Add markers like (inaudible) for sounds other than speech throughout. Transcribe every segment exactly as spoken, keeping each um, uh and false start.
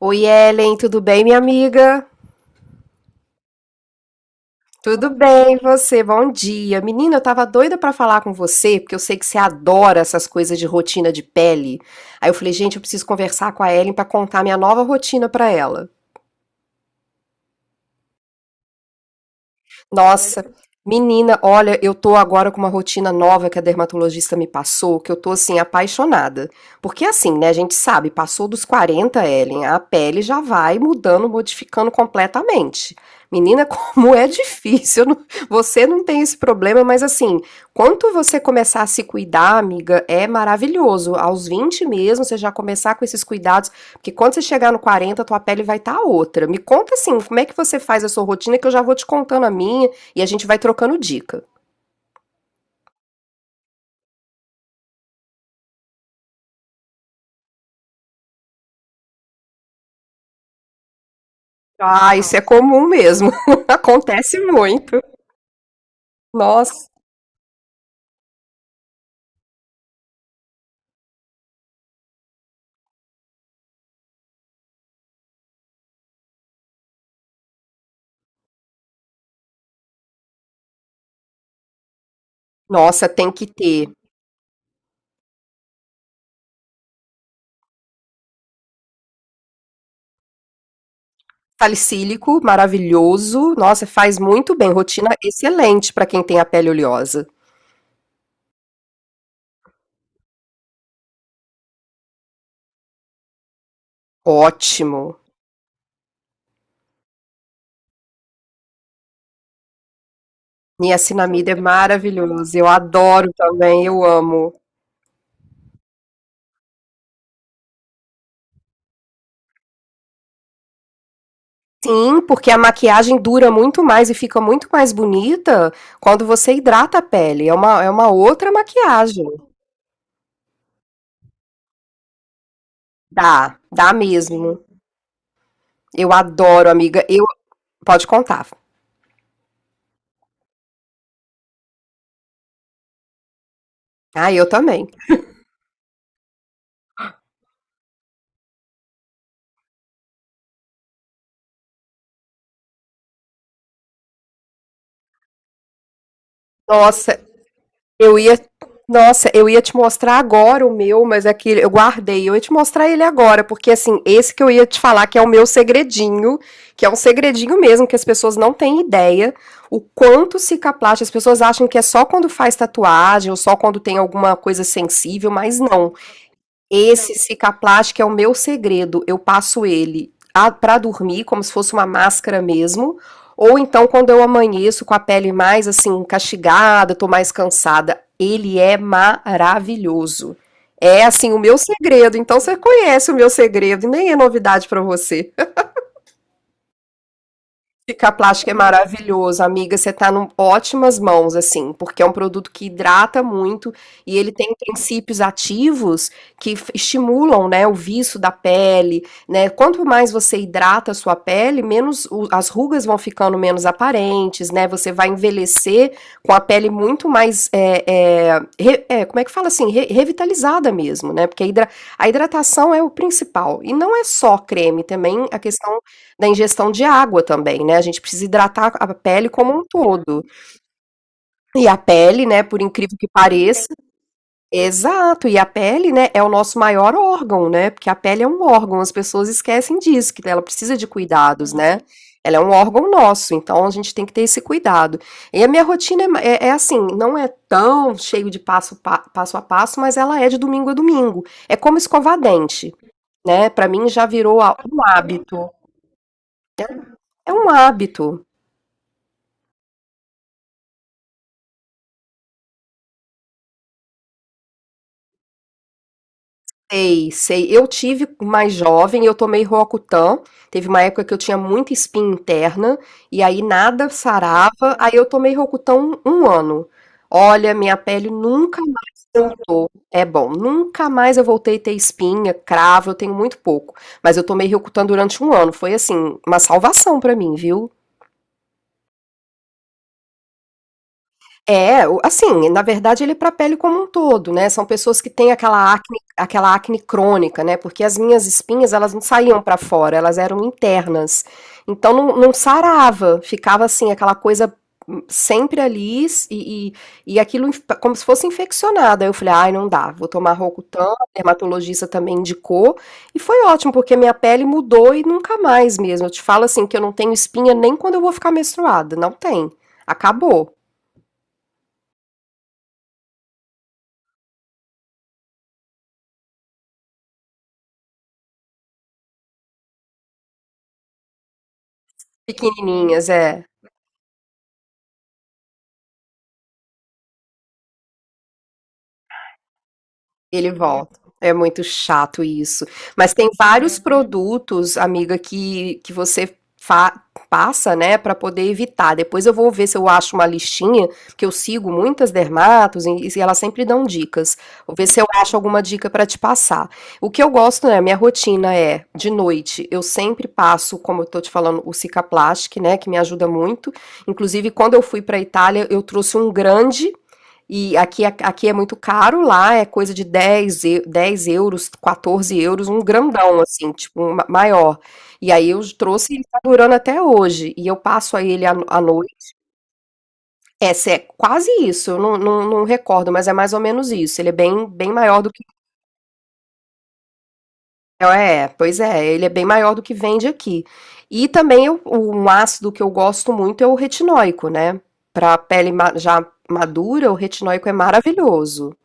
Oi, Ellen, tudo bem, minha amiga? Tudo bem, e você? Bom dia. Menina, eu tava doida pra falar com você, porque eu sei que você adora essas coisas de rotina de pele. Aí eu falei, gente, eu preciso conversar com a Ellen pra contar minha nova rotina pra ela. Nossa, menina, olha, eu tô agora com uma rotina nova que a dermatologista me passou, que eu tô assim apaixonada. Porque assim, né, a gente sabe, passou dos quarenta, Ellen, a pele já vai mudando, modificando completamente. Menina, (laughs) como é difícil. Eu não- Você não tem esse problema, mas assim, quanto você começar a se cuidar, amiga, é maravilhoso. Aos vinte mesmo, você já começar com esses cuidados, porque quando você chegar no quarenta tua pele vai estar tá outra. Me conta assim, como é que você faz a sua rotina, que eu já vou te contando a minha e a gente vai trocando dica. Ah, isso é comum mesmo. (laughs) Acontece muito. Nossa, nossa, tem que ter salicílico. Maravilhoso. Nossa, faz muito bem. Rotina excelente para quem tem a pele oleosa. Ótimo. Niacinamida é maravilhoso. Eu adoro também, eu amo. Sim, porque a maquiagem dura muito mais e fica muito mais bonita quando você hidrata a pele. É uma, é uma outra maquiagem. Dá, dá mesmo. Eu adoro, amiga. Eu, pode contar. Ah, eu também. Nossa, Eu ia. Nossa, eu ia te mostrar agora o meu, mas é que eu guardei. Eu ia te mostrar ele agora, porque assim, esse que eu ia te falar que é o meu segredinho, que é um segredinho mesmo, que as pessoas não têm ideia o quanto cicaplast, as pessoas acham que é só quando faz tatuagem ou só quando tem alguma coisa sensível, mas não. Esse Cicaplast é o meu segredo. Eu passo ele a- pra dormir, como se fosse uma máscara mesmo. Ou então, quando eu amanheço com a pele mais assim, castigada, tô mais cansada. Ele é maravilhoso. É assim, o meu segredo. Então, você conhece o meu segredo e nem é novidade pra você. Ficar plástico é maravilhoso, amiga, você tá num ótimas mãos, assim, porque é um produto que hidrata muito e ele tem princípios ativos que f estimulam, né, o viço da pele, né, quanto mais você hidrata a sua pele, menos o as rugas vão ficando menos aparentes, né, você vai envelhecer com a pele muito mais, eh eh, re eh, como é que fala assim? Re Revitalizada mesmo, né, porque a hidra a hidratação é o principal, e não é só creme, também a questão da ingestão de água também, né? A gente precisa hidratar a pele como um todo. E a pele, né, por incrível que pareça, exato, e a pele, né, é o nosso maior órgão, né? Porque a pele é um órgão, as pessoas esquecem disso, que ela precisa de cuidados, né? Ela é um órgão nosso, então a gente tem que ter esse cuidado. E a minha rotina é, é é assim, não é tão cheio de passo, pa, passo a passo, mas ela é de domingo a domingo. É como escovar dente, né? Para mim já virou a- um hábito. É um hábito. Sei, sei. Eu tive mais jovem, eu tomei Roacutan, teve uma época que eu tinha muita espinha interna, e aí nada sarava, aí eu tomei Roacutan um ano. Olha, minha pele nunca mais voltou. É bom, nunca mais eu voltei a ter espinha, cravo, eu tenho muito pouco. Mas eu tomei Roacutan durante um ano, foi assim, uma salvação pra mim, viu? É, o assim, na verdade ele é para a pele como um todo, né, são pessoas que têm aquela acne aquela acne crônica, né, porque as minhas espinhas elas não saíam para fora, elas eram internas, então não não sarava, ficava assim aquela coisa, hum, sempre ali s e e e aquilo inf como se fosse infeccionado, aí eu falei: "Ai não dá, vou tomar Rocutan", a dermatologista também indicou, e foi ótimo porque minha pele mudou e nunca mais mesmo, eu te falo assim que eu não tenho espinha nem quando eu vou ficar menstruada, não tem, acabou. Pequenininhas, é. Ele volta. É muito chato isso. Mas tem vários produtos, amiga, que, que você fa- passa, né, pra poder evitar. Depois eu vou ver se eu acho uma listinha, porque eu sigo muitas dermatos e, e elas sempre dão dicas. Vou ver se eu acho alguma dica pra te passar. O que eu gosto, né, minha rotina é de noite, eu sempre passo, como eu tô te falando, o Cicaplastic, né, que me ajuda muito. Inclusive, quando eu fui pra Itália, eu trouxe um grande. E aqui, é- aqui é muito caro, lá é coisa de dez eu- dez euros, quatorze euros, um grandão, assim, tipo, um ma- maior. E aí eu trouxe e ele tá durando até hoje. E eu passo aí ele à no- à noite. É, é quase isso, eu não, não, não recordo, mas é mais ou menos isso. Ele é bem, bem maior do que. É, é, pois é, ele é bem maior do que vende aqui. E também eu- um ácido que eu gosto muito é o retinóico, né? Pra pele ma- já madura, o retinóico é maravilhoso.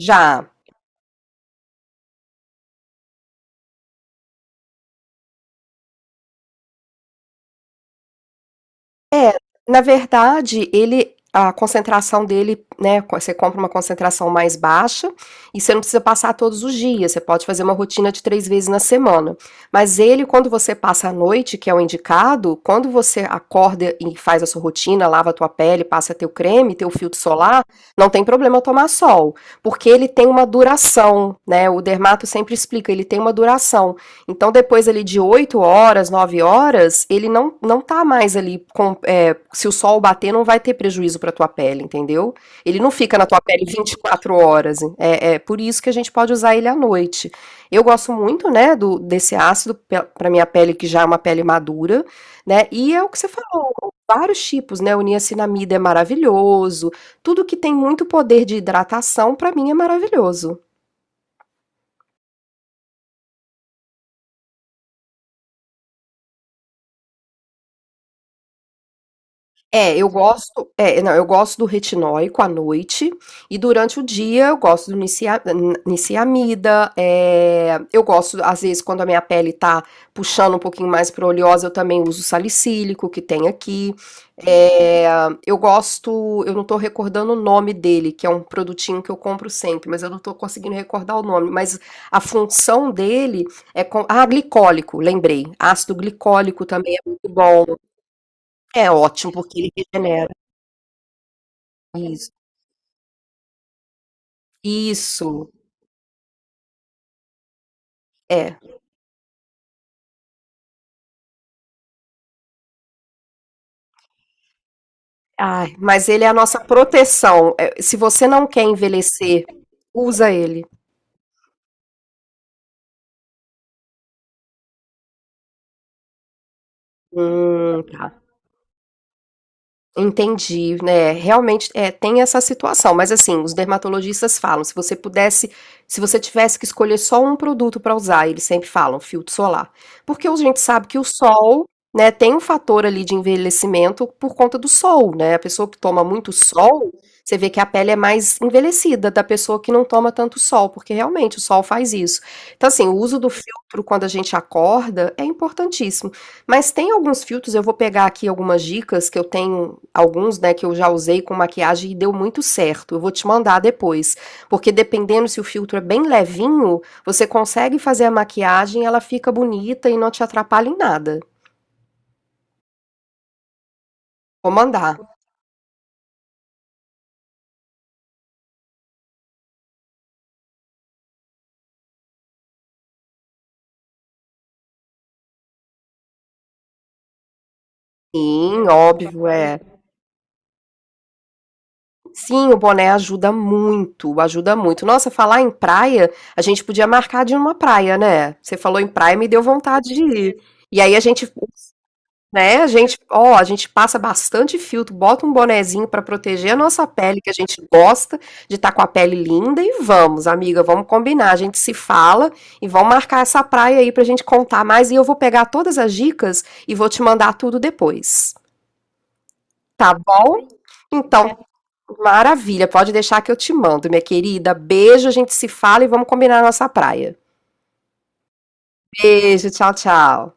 Já. Na verdade, ele a concentração dele, né, você compra uma concentração mais baixa e você não precisa passar todos os dias, você pode fazer uma rotina de três vezes na semana. Mas ele, quando você passa a noite, que é o indicado, quando você acorda e faz a sua rotina, lava a tua pele, passa teu creme, teu filtro solar, não tem problema tomar sol, porque ele tem uma duração, né? O dermato sempre explica, ele tem uma duração. Então, depois ali de oito horas, nove horas, ele não, não tá mais ali com, olha, se o sol bater, não vai ter prejuízo para tua pele, entendeu? Ele não fica na tua pele vinte e quatro horas. É, é por isso que a gente pode usar ele à noite. Eu gosto muito, né, do, desse ácido para minha pele, que já é uma pele madura, né? E é o que você falou, vários tipos, né? O niacinamida é maravilhoso. Tudo que tem muito poder de hidratação, para mim, é maravilhoso. É, eu gosto, é, não, eu gosto do retinóico à noite e durante o dia eu gosto do nicia- n- niciamida, é, eu gosto, às vezes, quando a minha pele tá puxando um pouquinho mais para oleosa, eu também uso salicílico que tem aqui. É, eu gosto, eu não tô recordando o nome dele, que é um produtinho que eu compro sempre, mas eu não tô conseguindo recordar o nome, mas a função dele é com, ah, glicólico, lembrei, ácido glicólico também é muito bom. É ótimo, porque ele regenera. Isso, isso, é. Ai, mas ele é a nossa proteção. É, se você não quer envelhecer, usa ele. Hum, tá. Entendi, né, realmente, é, tem essa situação, mas assim, os dermatologistas falam, se você pudesse se você tivesse que escolher só um produto para usar, eles sempre falam: "Filtro solar". Porque a gente sabe que o sol, né, tem um fator ali de envelhecimento por conta do sol, né, a pessoa que toma muito sol, você vê que a pele é mais envelhecida da pessoa que não toma tanto sol, porque realmente o sol faz isso. Então assim, o uso do filtro quando a gente acorda é importantíssimo. Mas tem alguns filtros, eu vou pegar aqui algumas dicas que eu tenho, alguns, né, que eu já usei com maquiagem e deu muito certo. Eu vou te mandar depois, porque dependendo se o filtro é bem levinho, você consegue fazer a maquiagem, ela fica bonita e não te atrapalha em nada. Vou mandar. Sim, óbvio, é. Sim, o boné ajuda muito, ajuda muito. Nossa, falar em praia, a gente podia marcar de ir numa praia, né? Você falou em praia, me deu vontade de ir. E aí a gente Né, a gente ó, a gente passa bastante filtro, bota um bonezinho para proteger a nossa pele, que a gente gosta de estar com a pele linda, e vamos, amiga, vamos combinar, a gente se fala e vamos marcar essa praia aí pra gente contar mais e eu vou pegar todas as dicas e vou te mandar tudo depois, tá bom? Então, maravilha, pode deixar que eu te mando, minha querida. Beijo, a gente se fala e vamos combinar a nossa praia. Beijo, tchau, tchau.